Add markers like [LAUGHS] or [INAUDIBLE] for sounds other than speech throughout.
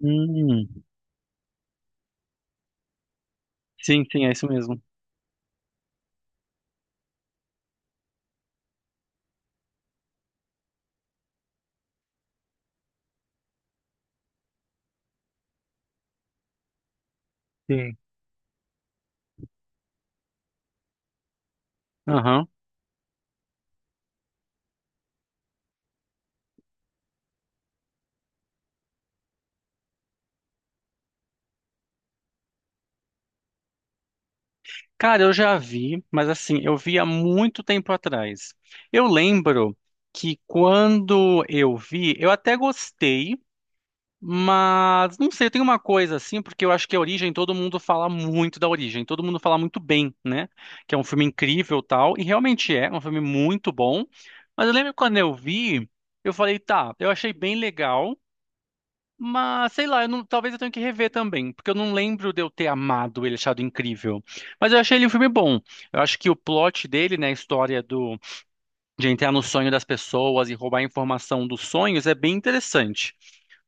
Hum, sim, sim, é isso mesmo. Sim. Aham. Cara, eu já vi, mas assim, eu vi há muito tempo atrás. Eu lembro que quando eu vi, eu até gostei, mas não sei, tem uma coisa assim, porque eu acho que a Origem, todo mundo fala muito da Origem, todo mundo fala muito bem, né? Que é um filme incrível, tal, e realmente é um filme muito bom. Mas eu lembro que quando eu vi, eu falei, tá, eu achei bem legal. Mas, sei lá, eu não- talvez eu tenha que rever também, porque eu não lembro de eu ter amado ele, achado incrível. Mas eu achei ele um filme bom. Eu acho que o plot dele, né, a história de entrar no sonho das pessoas e roubar a informação dos sonhos é bem interessante.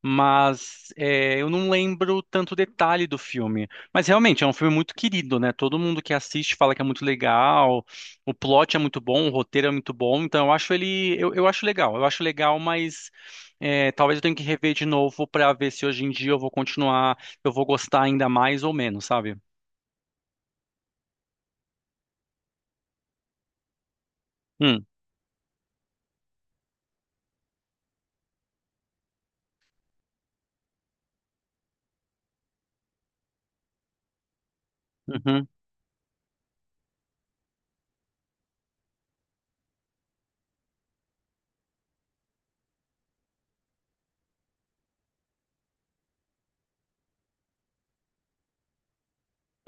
Mas é, eu não lembro tanto detalhe do filme. Mas realmente é um filme muito querido, né? Todo mundo que assiste fala que é muito legal, o plot é muito bom, o roteiro é muito bom. Então eu acho ele, eu acho legal, eu acho legal, mas é, talvez eu tenha que rever de novo pra ver se hoje em dia eu vou continuar, eu vou gostar ainda mais ou menos, sabe? Hum, uhum,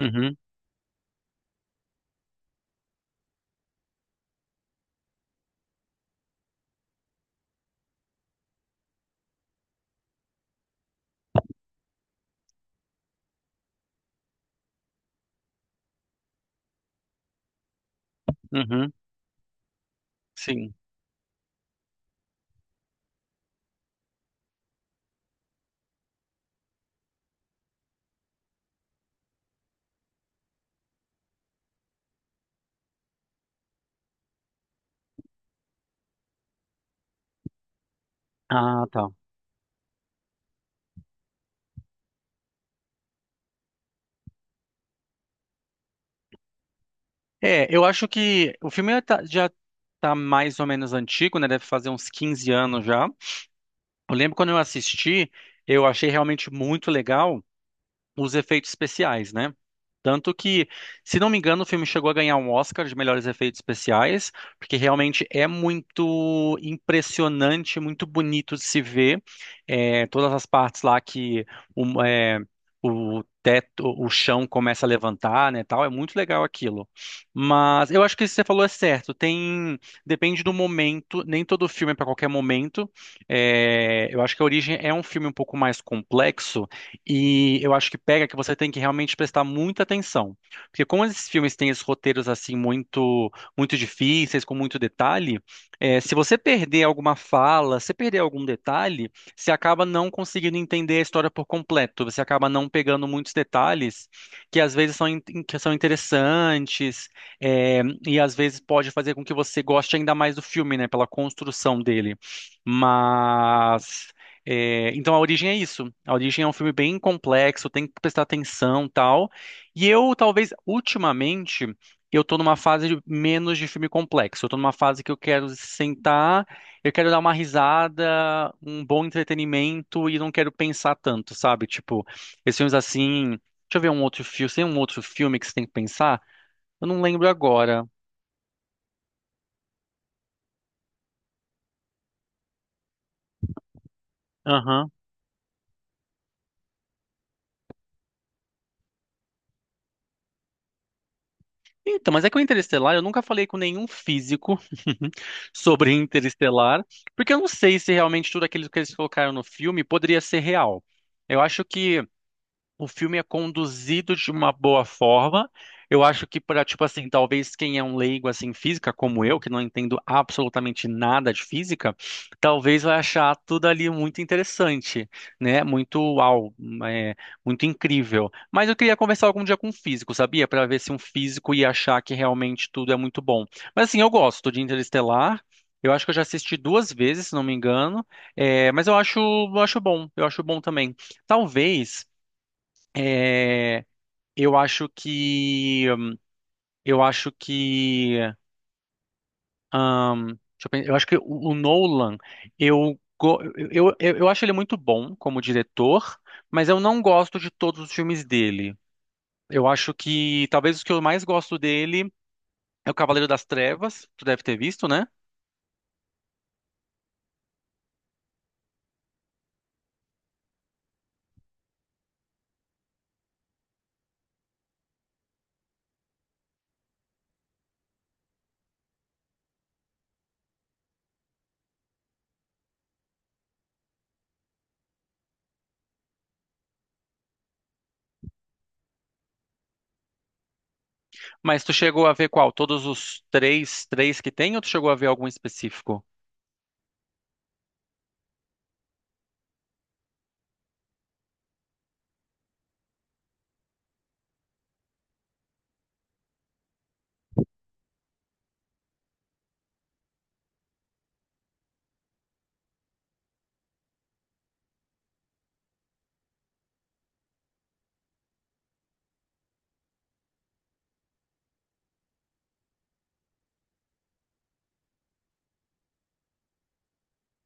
uhum, uhum, sim. Ah, tá. É, eu acho que o filme já tá mais ou menos antigo, né? Deve fazer uns 15 anos já. Eu lembro quando eu assisti, eu achei realmente muito legal os efeitos especiais, né? Tanto que, se não me engano, o filme chegou a ganhar um Oscar de melhores efeitos especiais, porque realmente é muito impressionante, muito bonito de se ver. É, todas as partes lá que o, é, o teto, o chão começa a levantar, né, tal, é muito legal aquilo. Mas eu acho que isso que você falou é certo. Tem, depende do momento, nem todo filme é para qualquer momento. É, eu acho que a Origem é um filme um pouco mais complexo e eu acho que pega que você tem que realmente prestar muita atenção. Porque como esses filmes têm esses roteiros assim muito muito difíceis, com muito detalhe, é, se você perder alguma fala, se perder algum detalhe, você acaba não conseguindo entender a história por completo. Você acaba não pegando muitos detalhes que às vezes que são interessantes, é, e às vezes pode fazer com que você goste ainda mais do filme, né? Pela construção dele. Mas. É, então a origem é isso. A origem é um filme bem complexo, tem que prestar atenção, tal. E eu talvez ultimamente eu tô numa fase menos de filme complexo. Eu tô numa fase que eu quero sentar, eu quero dar uma risada, um bom entretenimento e não quero pensar tanto, sabe? Tipo, esses filmes assim, deixa eu ver um outro filme, tem um outro filme que você tem que pensar? Eu não lembro agora. Então, mas é que o Interestelar, eu nunca falei com nenhum físico [LAUGHS] sobre Interestelar, porque eu não sei se realmente tudo aquilo que eles colocaram no filme poderia ser real. Eu acho que o filme é conduzido de uma boa forma. Eu acho que para, tipo assim, talvez quem é um leigo assim em física como eu, que não entendo absolutamente nada de física, talvez vai achar tudo ali muito interessante, né? Muito uau, é, muito incrível. Mas eu queria conversar algum dia com um físico, sabia? Para ver se um físico ia achar que realmente tudo é muito bom. Mas assim, eu gosto de Interestelar. Eu acho que eu já assisti duas vezes, se não me engano. É, mas eu acho bom. Eu acho bom também. Talvez é, eu acho que. Eu acho que. Deixa eu, pensar, eu acho que o Nolan, eu, go- eu acho ele muito bom como diretor, mas eu não gosto de todos os filmes dele. Eu acho que talvez os que eu mais gosto dele é o Cavaleiro das Trevas, tu deve ter visto, né? Mas tu chegou a ver qual? Todos os três, que tem, ou tu chegou a ver algum específico?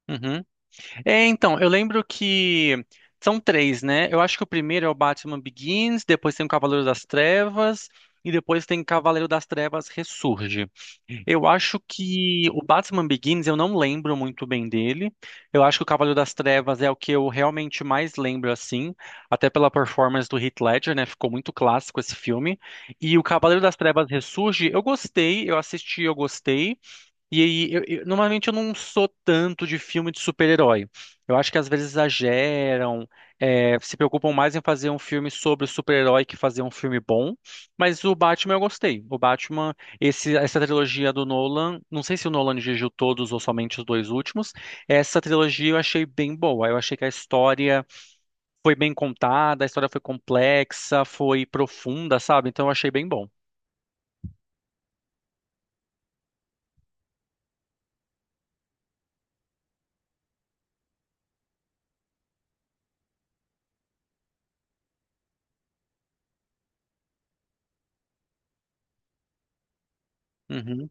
Uhum. É, então, eu lembro que são três, né? Eu acho que o primeiro é o Batman Begins, depois tem o Cavaleiro das Trevas e depois tem Cavaleiro das Trevas Ressurge. Eu acho que o Batman Begins eu não lembro muito bem dele. Eu acho que o Cavaleiro das Trevas é o que eu realmente mais lembro assim, até pela performance do Heath Ledger, né? Ficou muito clássico esse filme. E o Cavaleiro das Trevas Ressurge, eu gostei, eu assisti, eu gostei. E aí, normalmente eu não sou tanto de filme de super-herói. Eu acho que às vezes exageram, se preocupam mais em fazer um filme sobre o super-herói que fazer um filme bom. Mas o Batman eu gostei. O Batman, essa trilogia do Nolan, não sei se o Nolan dirigiu todos ou somente os dois últimos. Essa trilogia eu achei bem boa. Eu achei que a história foi bem contada, a história foi complexa, foi profunda, sabe? Então eu achei bem bom. Uhum,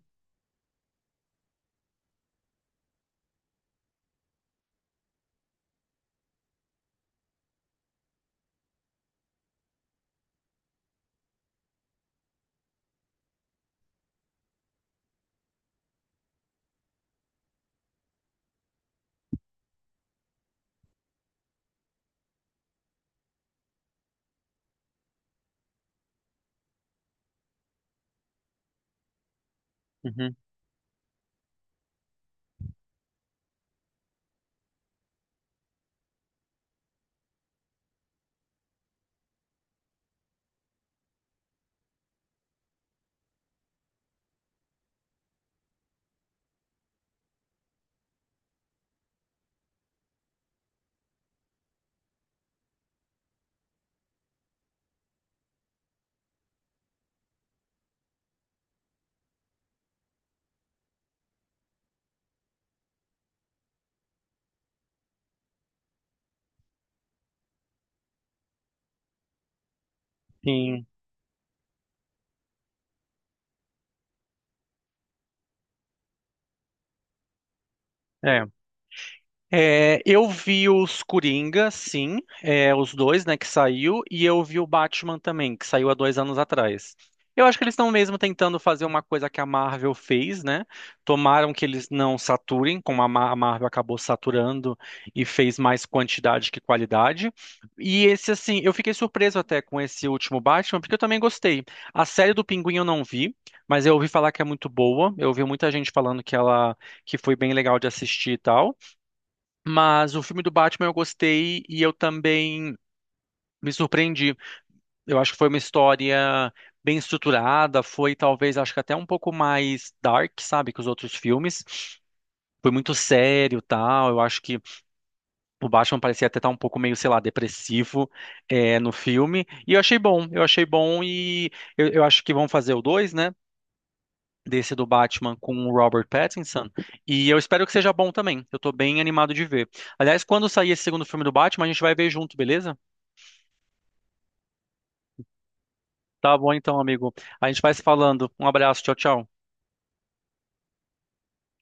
uhum. Sim. É, eu vi os Coringa, sim, os dois, né, que saiu, e eu vi o Batman também, que saiu há 2 anos atrás. Eu acho que eles estão mesmo tentando fazer uma coisa que a Marvel fez, né? Tomaram que eles não saturem, como a a Marvel acabou saturando e fez mais quantidade que qualidade. E esse, assim, eu fiquei surpreso até com esse último Batman, porque eu também gostei. A série do Pinguim eu não vi, mas eu ouvi falar que é muito boa. Eu ouvi muita gente falando que foi bem legal de assistir e tal. Mas o filme do Batman eu gostei e eu também me surpreendi. Eu acho que foi uma história bem estruturada, foi talvez, acho que até um pouco mais dark, sabe, que os outros filmes. Foi muito sério, tal. Eu acho que o Batman parecia até estar um pouco meio, sei lá, depressivo no filme. E eu achei bom e eu acho que vão fazer o dois, né? Desse do Batman com o Robert Pattinson. E eu espero que seja bom também. Eu tô bem animado de ver. Aliás, quando sair esse segundo filme do Batman, a gente vai ver junto, beleza? Tá bom então, amigo. A gente vai se falando. Um abraço, tchau, tchau.